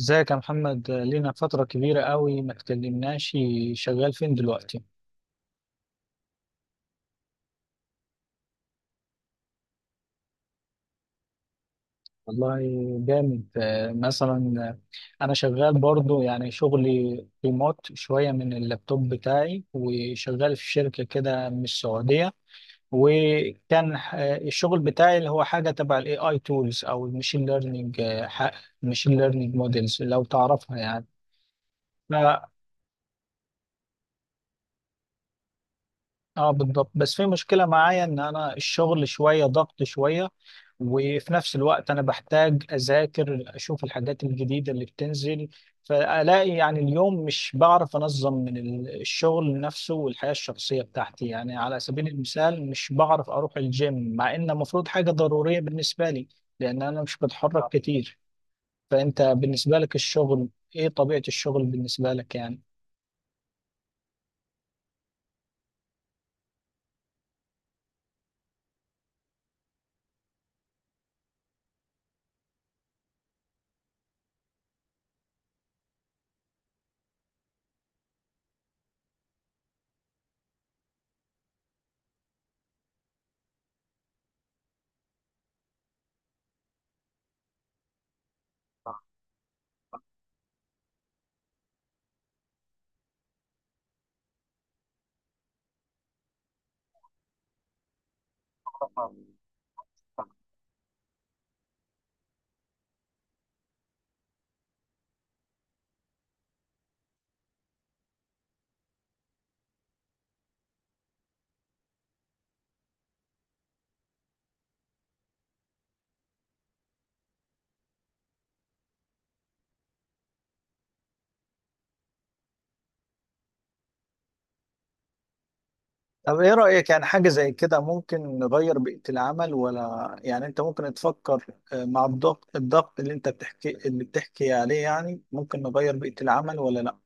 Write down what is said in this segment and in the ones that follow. ازيك يا محمد، لينا فترة كبيرة قوي ما اتكلمناش. شغال فين دلوقتي؟ والله جامد. مثلا انا شغال برضو، يعني شغلي ريموت شوية من اللابتوب بتاعي، وشغال في شركة كده من السعودية. وكان الشغل بتاعي اللي هو حاجة تبع الاي اي تولز او المشين ليرنينج. المشين ليرنينج موديلز لو تعرفها يعني. اه بالضبط. بس في مشكلة معايا ان انا الشغل شوية ضغط شوية، وفي نفس الوقت انا بحتاج اذاكر، اشوف الحاجات الجديدة اللي بتنزل. فالاقي يعني اليوم مش بعرف انظم من الشغل نفسه والحياة الشخصية بتاعتي. يعني على سبيل المثال مش بعرف اروح الجيم، مع ان المفروض حاجة ضرورية بالنسبة لي، لان انا مش بتحرك كتير. فانت بالنسبة لك الشغل، ايه طبيعة الشغل بالنسبة لك يعني؟ طب ايه رأيك، يعني حاجة زي كده ممكن نغير بيئة العمل، ولا يعني انت ممكن تفكر مع الضغط اللي انت بتحكي اللي بتحكي عليه، يعني ممكن نغير بيئة العمل ولا لا؟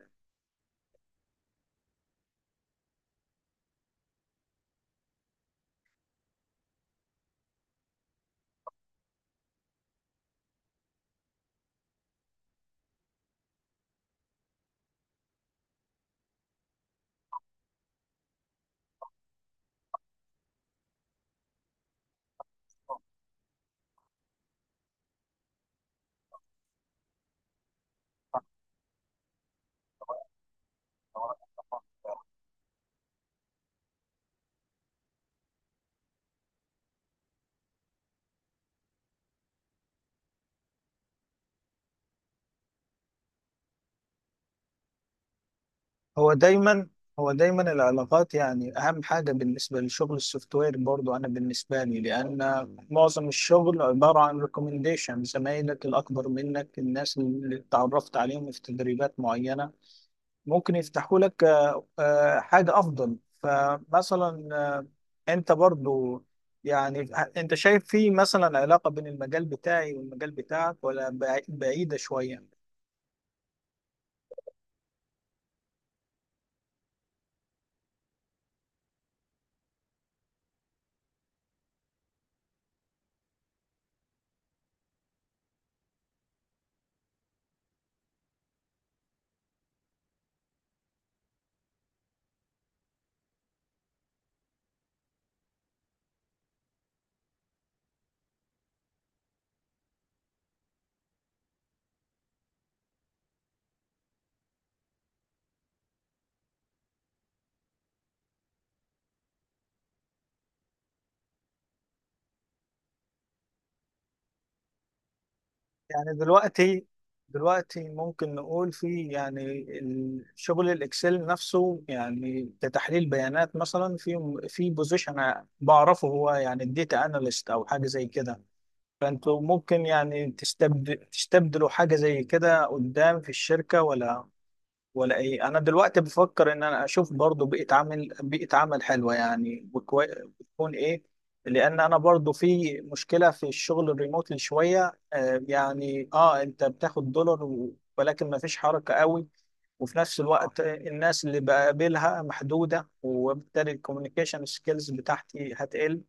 هو دايما هو دايما العلاقات، يعني اهم حاجة بالنسبة للشغل السوفت وير. برضو انا بالنسبة لي، لان معظم الشغل عبارة عن ريكومنديشن، زمايلك الاكبر منك، الناس اللي اتعرفت عليهم في تدريبات معينة ممكن يفتحوا لك حاجة أفضل. فمثلا أنت برضو، يعني أنت شايف في مثلا علاقة بين المجال بتاعي والمجال بتاعك، ولا بعيدة شوية؟ يعني دلوقتي ممكن نقول في يعني شغل الإكسل نفسه، يعني كتحليل بيانات مثلا، في بوزيشن بعرفه هو، يعني الديتا أناليست أو حاجة زي كده. فانتوا ممكن يعني تستبدلوا حاجة زي كده قدام في الشركة، ولا ايه؟ انا دلوقتي بفكر ان انا اشوف برضو بيئة عمل، بيئة عمل حلوة، يعني بتكون ايه؟ لان انا برضو في مشكلة في الشغل الريموتلي شوية، يعني اه انت بتاخد دولار ولكن ما فيش حركة قوي. وفي نفس الوقت الناس اللي بقابلها محدودة، وبالتالي الكوميونيكيشن سكيلز بتاعتي هتقل.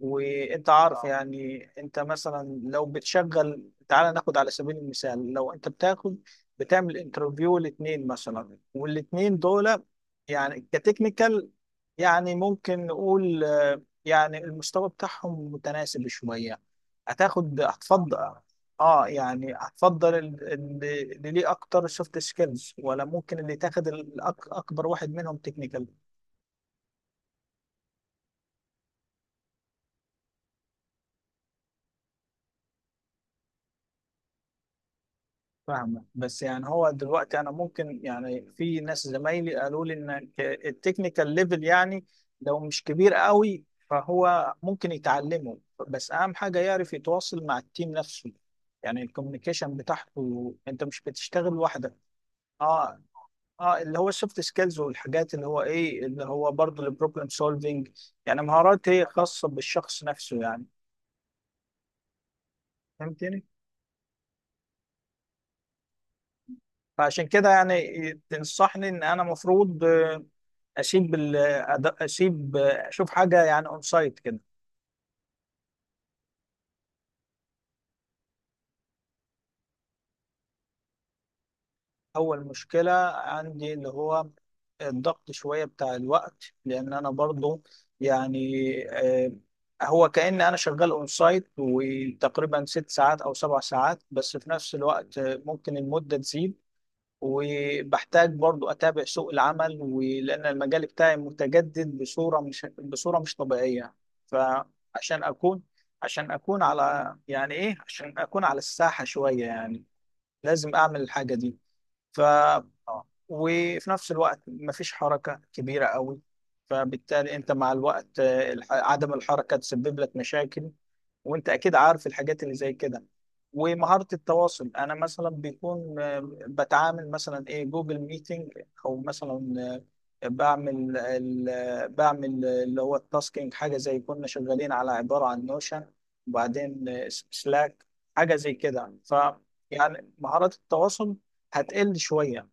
وانت عارف يعني، انت مثلا لو بتشغل، تعال ناخد على سبيل المثال، لو انت بتاخد بتعمل انترفيو الاثنين مثلا، والاثنين دول يعني كتكنيكال، يعني ممكن نقول يعني المستوى بتاعهم متناسب شوية، هتاخد، هتفضل اه يعني، هتفضل اللي ليه اكتر سوفت سكيلز، ولا ممكن اللي تاخد اكبر واحد منهم تكنيكال؟ فاهمة. بس يعني هو دلوقتي انا ممكن يعني، في ناس زمايلي قالوا لي ان التكنيكال ليفل، يعني لو مش كبير قوي فهو ممكن يتعلمه. بس اهم حاجة يعرف يتواصل مع التيم نفسه، يعني الكوميونيكيشن بتاعته. انت مش بتشتغل لوحدك. اه اه، اللي هو السوفت سكيلز والحاجات، اللي هو ايه اللي هو برضه البروبلم سولفينج، يعني مهارات هي خاصة بالشخص نفسه يعني. فهمتني؟ فعشان كده يعني تنصحني ان انا مفروض اشيب ال- أد- اشيب اشوف حاجه يعني اون سايت كده. اول مشكله عندي، اللي هو الضغط شويه بتاع الوقت، لان انا برضو يعني آه، هو كأن انا شغال اون سايت، وتقريبا 6 ساعات او 7 ساعات، بس في نفس الوقت ممكن المده تزيد. وبحتاج برضو اتابع سوق العمل، ولان المجال بتاعي متجدد بصوره مش طبيعيه. فعشان اكون عشان اكون على يعني ايه عشان اكون على الساحه شويه يعني، لازم اعمل الحاجه دي. ف آه، وفي نفس الوقت مفيش حركه كبيره قوي. فبالتالي انت مع الوقت، عدم الحركه تسبب لك مشاكل، وانت اكيد عارف الحاجات اللي زي كده. ومهارة التواصل انا مثلا بيكون بتعامل مثلا، ايه، جوجل ميتنج، او مثلا بعمل ال- آه، بعمل اللي هو التاسكينج، حاجة زي كنا شغالين على عبارة عن نوشن، وبعدين سلاك، حاجة زي كده. ف يعني مهارات التواصل هتقل شوية.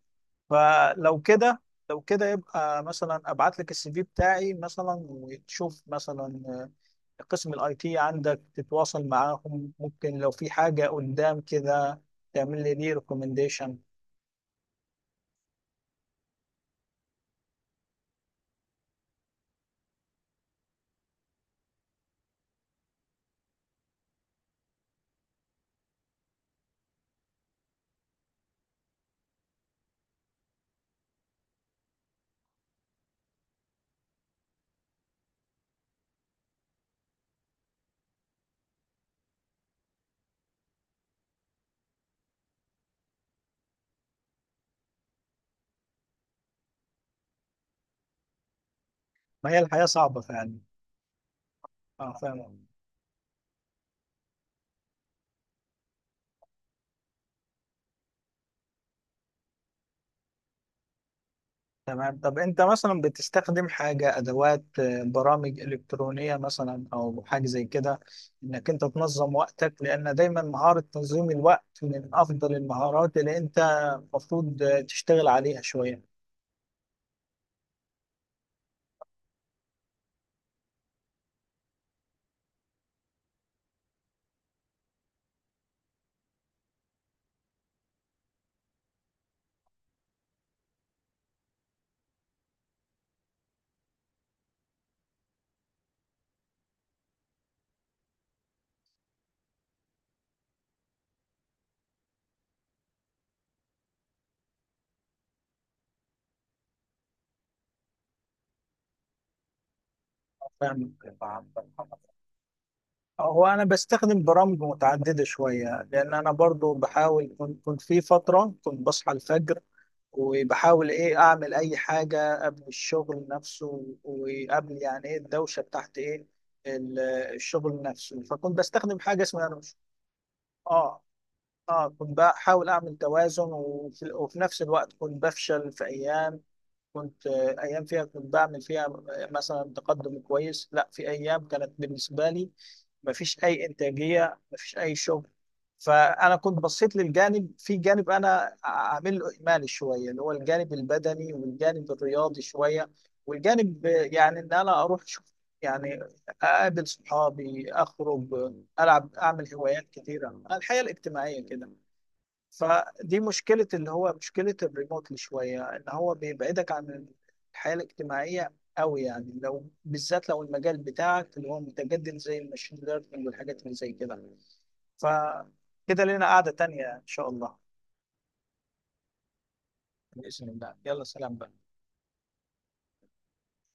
فلو كده، لو كده يبقى مثلا ابعت لك السي في بتاعي مثلا، وتشوف مثلا قسم الاي تي عندك، تتواصل معاهم، ممكن لو في حاجة قدام كده تعمل لي دي ريكومنديشن. ما هي الحياة صعبة فعلا. اه، فاهم. تمام. طب انت مثلا بتستخدم حاجة، ادوات برامج الكترونية مثلا او حاجة زي كده، انك انت تنظم وقتك؟ لان دايما مهارة تنظيم الوقت من افضل المهارات اللي انت المفروض تشتغل عليها شوية. آه، فاهم. هو انا بستخدم برامج متعدده شويه، لان انا برضو بحاول. كنت في فتره كنت بصحى الفجر، وبحاول ايه اعمل اي حاجه قبل الشغل نفسه، وقبل يعني ايه الدوشه بتاعت ايه ال- الشغل نفسه. فكنت بستخدم حاجه اسمها نوشن. اه. اه كنت بحاول اعمل توازن، وفي نفس الوقت كنت بفشل في ايام. كنت ايام فيها كنت بعمل فيها مثلا تقدم كويس، لا، في ايام كانت بالنسبه لي مفيش اي انتاجيه، مفيش اي شغل. فانا كنت بصيت للجانب، في جانب انا عامل له اهمال شويه، اللي هو الجانب البدني والجانب الرياضي شويه، والجانب يعني ان انا اروح اشوف، يعني اقابل صحابي، اخرج، العب، اعمل هوايات كتيره، الحياه الاجتماعيه كده. فدي مشكلة، اللي هو مشكلة الريموتلي شوية، ان هو بيبعدك عن الحياة الاجتماعية قوي يعني. لو بالذات لو المجال بتاعك اللي هو متجدد زي الماشين ليرنينج والحاجات اللي زي كده. فكده لنا قعدة تانية ان شاء الله. بإذن الله، يلا سلام بقى.